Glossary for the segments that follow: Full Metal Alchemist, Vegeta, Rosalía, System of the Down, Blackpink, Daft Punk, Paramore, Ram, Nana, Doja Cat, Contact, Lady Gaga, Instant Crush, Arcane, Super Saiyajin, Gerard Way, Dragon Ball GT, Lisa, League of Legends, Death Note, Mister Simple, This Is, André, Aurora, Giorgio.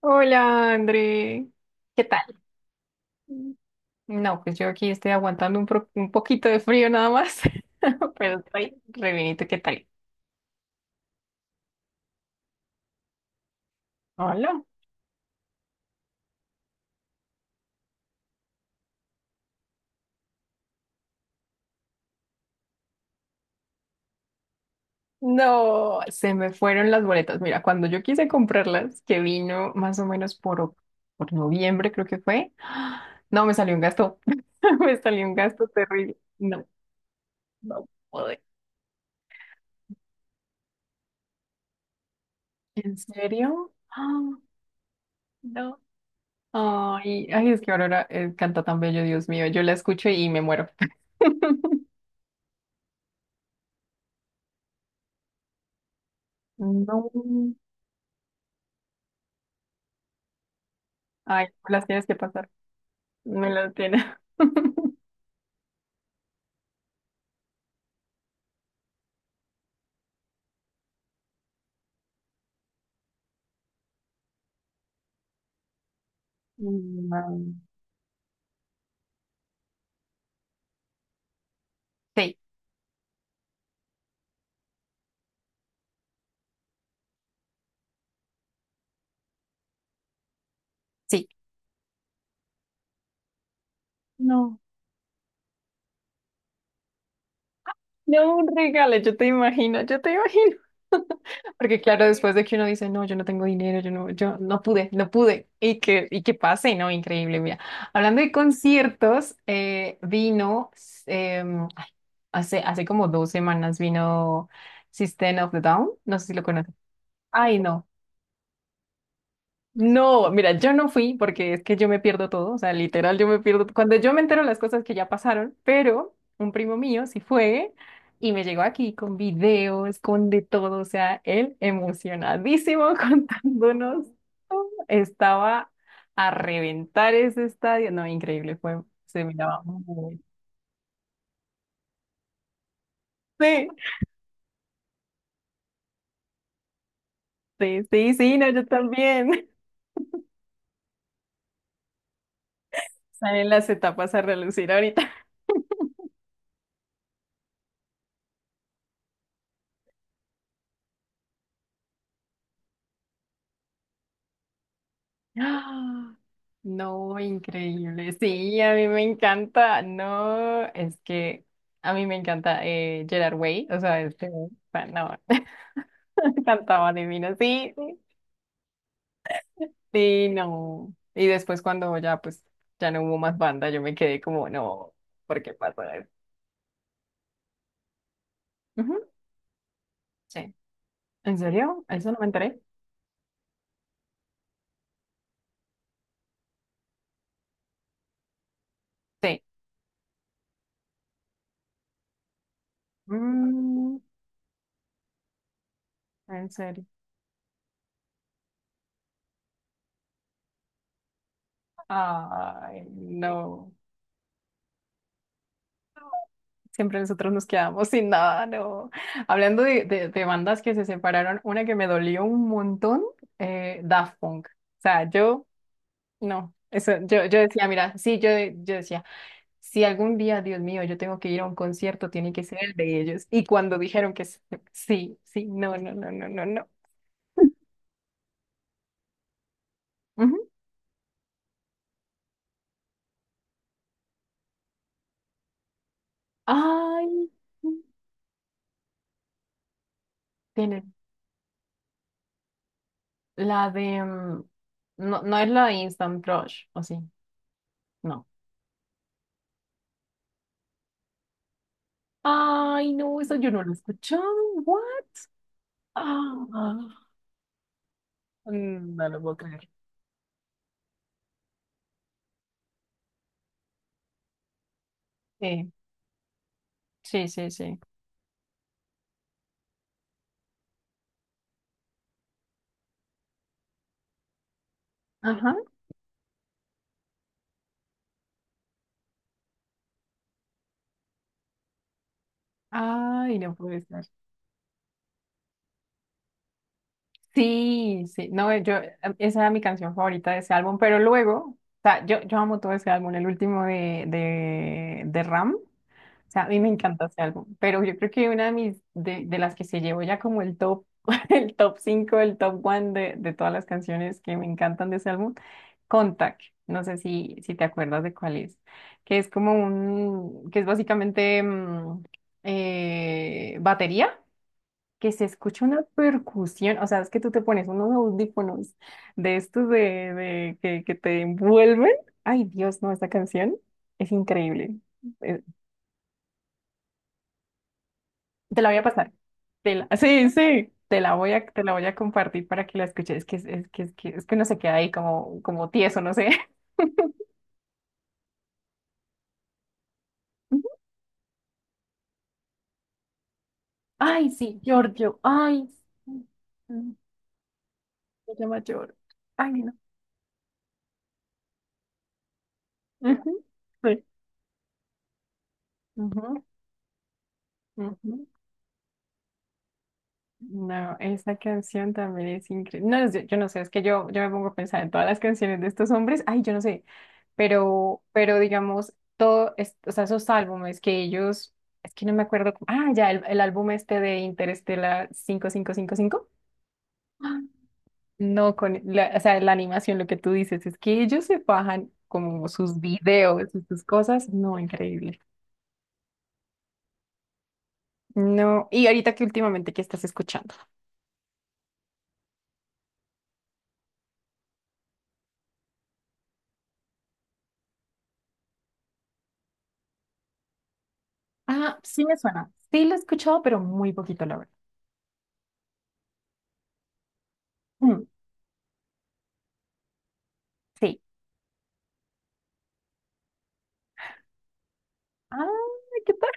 Hola, André. ¿Qué tal? No, pues yo aquí estoy aguantando un poquito de frío nada más, pero estoy re bien. ¿Y tú qué tal? Hola. No, se me fueron las boletas. Mira, cuando yo quise comprarlas, que vino más o menos por noviembre, creo que fue, no, me salió un gasto. Me salió un gasto terrible. No, no pude. ¿En serio? Ah, no. Ay, ay, es que Aurora canta tan bello, Dios mío. Yo la escucho y me muero. No. Ay, las tienes que pasar. Me las tienes. No. Sí, sí. No. No, un regalo, yo te imagino, yo te imagino. Porque claro, después de que uno dice, no, yo no tengo dinero, yo no pude, no pude. Y que pase, ¿no? Increíble, mira. Hablando de conciertos, vino, em, ay, hace, hace como dos semanas vino System of the Down, no sé si lo conoces. Ay, no. No, mira, yo no fui porque es que yo me pierdo todo, o sea, literal, yo me pierdo. Cuando yo me entero las cosas que ya pasaron, pero un primo mío sí fue y me llegó aquí con videos, con de todo, o sea, él emocionadísimo contándonos todo. Estaba a reventar ese estadio. No, increíble, fue, se miraba muy bien. Sí, sí, sí, sí, no, yo también. Salen las etapas a relucir ahorita. ¡Ah! No, increíble. Sí, a mí me encanta. No, es que a mí me encanta Gerard Way. No, cantaba divino. Sí, sí, sí, no. Y después cuando ya, pues, ya no hubo más banda, yo me quedé como, no, ¿por qué pasó eso? Ujú, sí. ¿En serio? ¿Eso no me enteré? Sí. Mm, en serio. Ay, no. Siempre nosotros nos quedamos sin nada, no. Hablando de, de bandas que se separaron, una que me dolió un montón, Daft Punk. O sea, yo, no, eso, yo decía, mira, sí, yo decía, si algún día, Dios mío, yo tengo que ir a un concierto, tiene que ser el de ellos. Y cuando dijeron sí, sí, no, no, no, no, no, no. Ujú. Ay, tienen la de, mm, no, no es la de Instant Crush, ¿o sí? No. Ay, no, eso yo no lo he escuchado, ¿what? Ah, no lo puedo creer. Sí, sí, sí, sí. Ajá. Ay, no puede ser. Sí, sí, no, esa era mi canción favorita de ese álbum, pero luego, o sea, yo amo todo ese álbum, el último de Ram, o sea, a mí me encanta ese álbum, pero yo creo que una de mis, de las que se llevó ya como el top, el top 5, el top one de todas las canciones que me encantan de ese álbum, Contact, no sé si, si te acuerdas de cuál es, que es como un, que es básicamente batería que se escucha una percusión, o sea, es que tú te pones unos audífonos de estos de que te envuelven. Ay, Dios, no, esta canción es increíble. Eh, te la voy a pasar. Sí, sí, te la voy a compartir para que la escuches. Es que, es que, es que uno se queda ahí como, como tieso, no sé. Ujú. Ay, sí, Giorgio. Ay, sí. Se llama Giorgio. Ay, no. Ujú, sí. Ujú, ujú. No, esa canción también es increíble. No, yo no sé, es que yo me pongo a pensar en todas las canciones de estos hombres. Ay, yo no sé. Pero digamos, todo, es- o sea, esos álbumes que ellos, es que no me acuerdo cómo. Ah, ya, el álbum este de Interestela cinco, cinco cinco cinco. Ah, no, con, la, o sea, la animación, lo que tú dices, es que ellos se bajan como sus videos y sus cosas. No, increíble. No, y ahorita que últimamente, ¿qué estás escuchando? Ah, sí me suena. Sí lo he escuchado, pero muy poquito, la verdad. Mm, sí. Ah, ¿qué tal?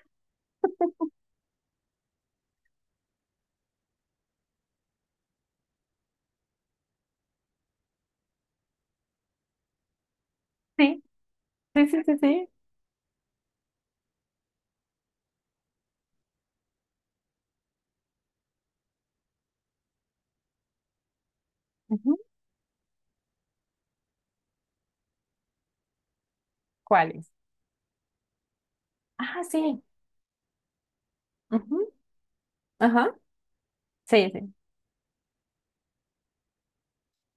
Sí, sí, sí, sí, sí. Ujú. ¿Cuáles? Ah, sí. Ujú. Ajá. Sí, sí.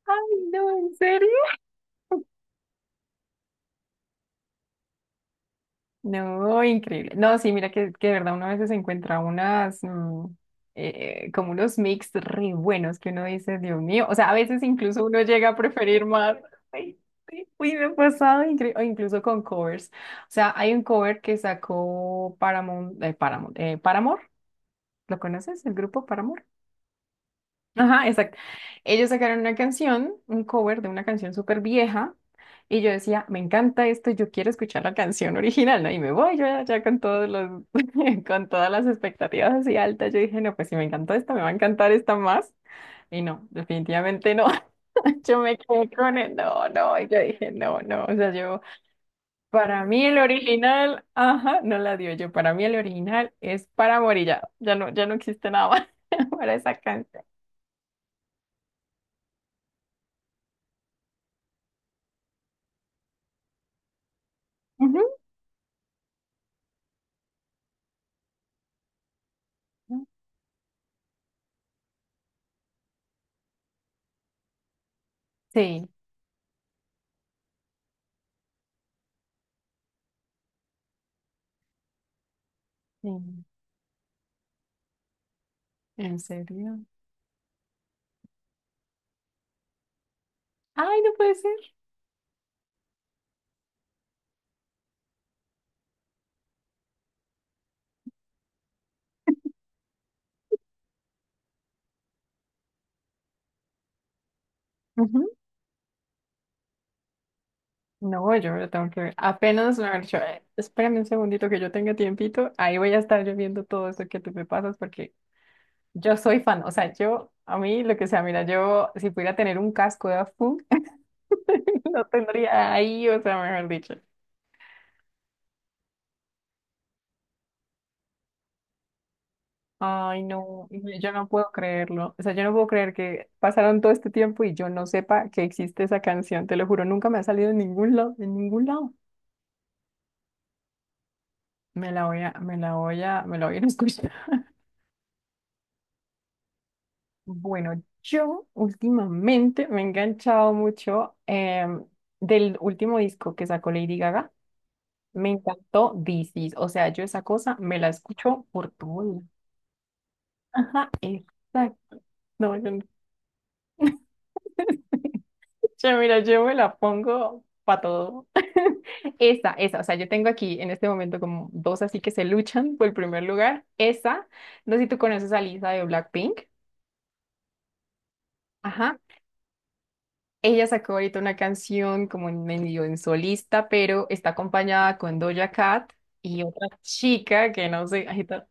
Ay, no, ¿en serio? No, increíble. No, sí, mira que de verdad uno a veces encuentra unas, como unos mix re buenos que uno dice, Dios mío, o sea, a veces incluso uno llega a preferir más. Ay, sí. Uy, me ha pasado increíble, o incluso con covers. O sea, hay un cover que sacó Paramount, Paramount, Paramore, ¿lo conoces? El grupo Paramore. Ajá, exacto. Ellos sacaron una canción, un cover de una canción súper vieja, y yo decía, me encanta esto, yo quiero escuchar la canción original, ¿no? Y me voy yo ya con todos los, con todas las expectativas así altas. Yo dije, no, pues si me encantó esta, me va a encantar esta más. Y no, definitivamente no. Yo me quedé con el no, no. Y yo dije, no, no. O sea, yo, para mí el original, ajá, no la dio yo. Para mí el original es para morir ya. Ya no, ya no existe nada más para esa canción. Ujú. Sí. Sí, ¿en serio? Ay, no puede ser. Ujú. No, yo me lo tengo que ver. Apenas me han dicho, espérame un segundito que yo tenga tiempito, ahí voy a estar yo viendo todo eso que tú me pasas porque yo soy fan. O sea, yo, a mí, lo que sea, mira, yo si pudiera tener un casco de Daft Punk, lo tendría ahí, o sea, mejor dicho. Ay, no, y yo no puedo creerlo. O sea, yo no puedo creer que pasaron todo este tiempo y yo no sepa que existe esa canción, te lo juro, nunca me ha salido en ningún lado, en ningún lado. Me la voy a ir a escuchar. Bueno, yo últimamente me he enganchado mucho del último disco que sacó Lady Gaga. Me encantó This Is. O sea, yo esa cosa me la escucho por todo lado. Ajá, exacto. No, yo no- che, mira, yo me la pongo para todo. Esa, esa. O sea, yo tengo aquí en este momento como dos así que se luchan por el primer lugar. Esa. No sé si tú conoces a Lisa de Blackpink. Ajá. Ella sacó ahorita una canción como en medio en solista, pero está acompañada con Doja Cat y otra chica que no sé, ahí está.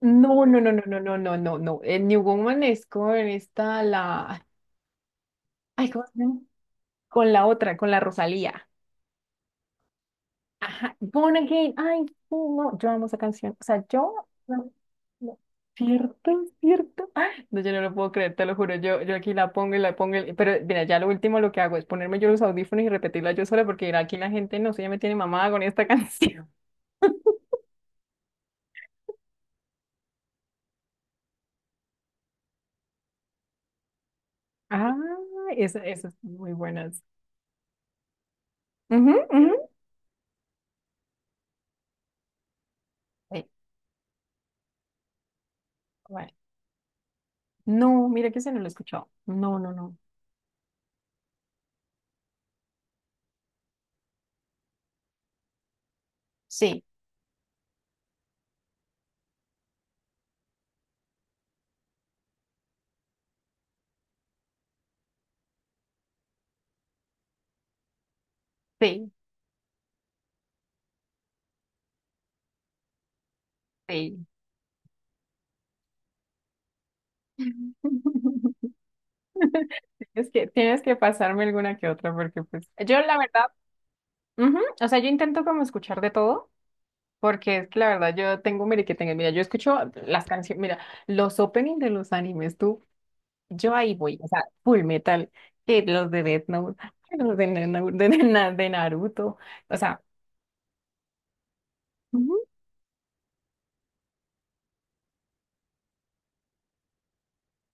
No, no, no, no, no, no, no, no, no. New Woman es con esta, la... Ay, ¿cómo se llama? Con la otra, con la Rosalía. Ajá, Born Again. Ay, sí, no, yo amo esa canción. O sea, yo. No, no. Cierto, cierto. Ah, no, yo no lo puedo creer, te lo juro. Yo aquí la pongo y la pongo. Pero mira, ya lo último lo que hago es ponerme yo los audífonos y repetirla yo sola porque mira, aquí la gente no sé, ya me tiene mamada con esta canción. Ah, esa- esas son muy buenas. Ujú, ujú. Sí, bueno. No, mira que se no lo he escuchado. No, no, no. Sí, sí, sí. Tienes que pasarme alguna que otra porque pues yo la verdad ujú. O sea, yo intento como escuchar de todo, porque es que la verdad yo tengo, mire que tengo, mira, yo escucho las canciones, mira, los openings de los animes, tú, yo ahí voy, o sea, Full Metal, que los de Death Note, que los de Naruto, o sea, ujú,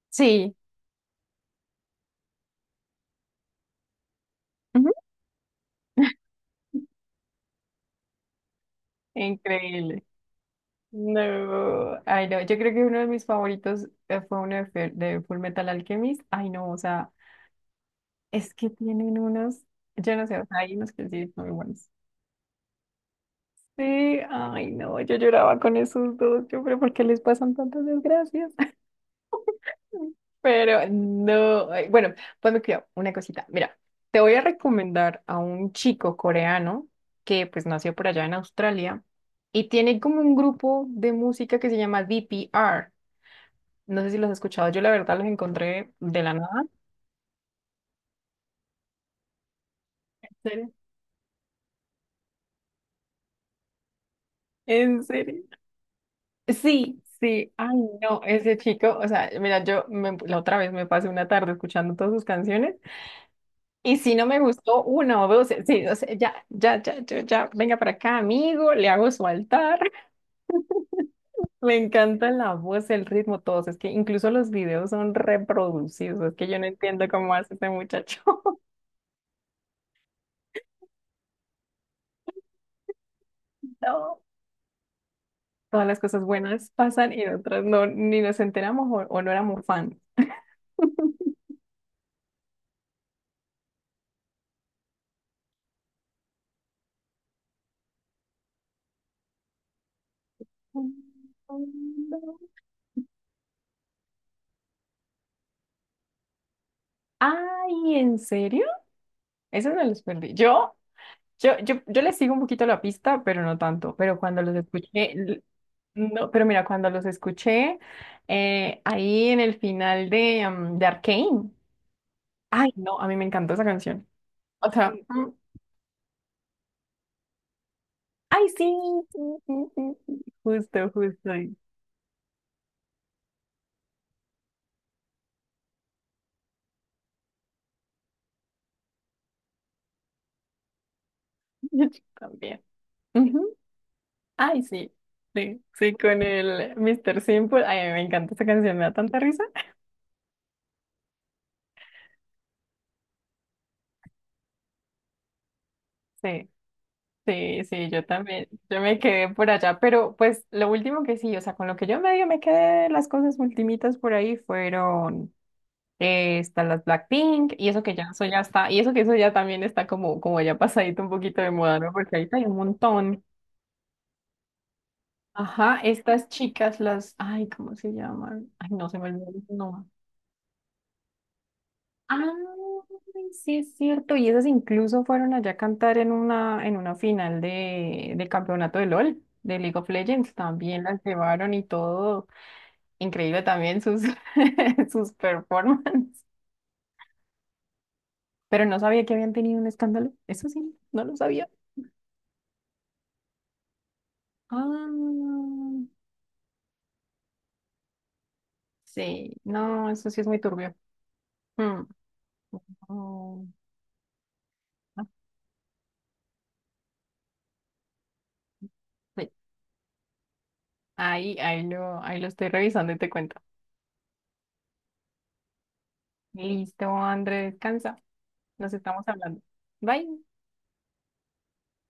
sí, ujú, increíble. No, ay no, yo creo que uno de mis favoritos fue uno de, de Full Metal Alchemist, ay no, o sea, es que tienen unos, yo no sé, o sea, hay unos que sí son muy buenos. Sí, ay no, yo lloraba con esos dos, yo, pero ¿por qué les pasan tantas desgracias? Pero no, ay, bueno, pues me cuidado, una cosita. Mira, te voy a recomendar a un chico coreano que pues nació por allá en Australia y tiene como un grupo de música que se llama DPR. No sé si los has escuchado, yo la verdad los encontré de la nada. ¿En serio? ¿En serio? Sí, sí, ay no, ese chico, o sea, mira, la otra vez me pasé una tarde escuchando todas sus canciones. Y si no me gustó uno, o dos, sí, o sea, ya, ya, ya, ya, ya, venga para acá, amigo, le hago su altar. Me encanta la voz, el ritmo, todos. Es que incluso los videos son reproducidos. Es que yo no entiendo cómo hace este muchacho. No. Todas las cosas buenas pasan y otras no, ni nos enteramos o no éramos fan. Ay, ¿en serio? Eso no los perdí. Yo les sigo un poquito la pista, pero no tanto. Pero cuando los escuché, no, pero mira, cuando los escuché, ahí en el final de, de Arcane, ay, no, a mí me encantó esa canción. O sea, sí. Mm, ay, sí, sí, sí, sí, sí, justo, justo, ay, yo también. Ujú, ay, sí, sí, sí, con el Mister Simple, ay, a mí me encanta esa canción, me da tanta risa. Sí, sí, sí, yo también, yo me quedé por allá, pero pues lo último que sí, o sea, con lo que yo medio me quedé, las cosas ultimitas por ahí fueron, están las Blackpink, y eso que ya, eso ya está, y eso que eso ya también está como, como ya pasadito un poquito de moda, ¿no? Porque ahorita hay un montón. Ajá, estas chicas, las, ay, ¿cómo se llaman? Ay, no, se me olvidó el nombre. Ah, sí es cierto, y esas incluso fueron allá a cantar en una final de, del campeonato de LOL, de League of Legends, también las llevaron y todo, increíble también sus, sus performances, pero no sabía que habían tenido un escándalo, eso sí, no lo sabía. Ah, sí, no, eso sí es muy turbio. Mm. Oh, ah, sí. Ahí lo estoy revisando y te cuento. Listo, André, descansa. Nos estamos hablando. Bye.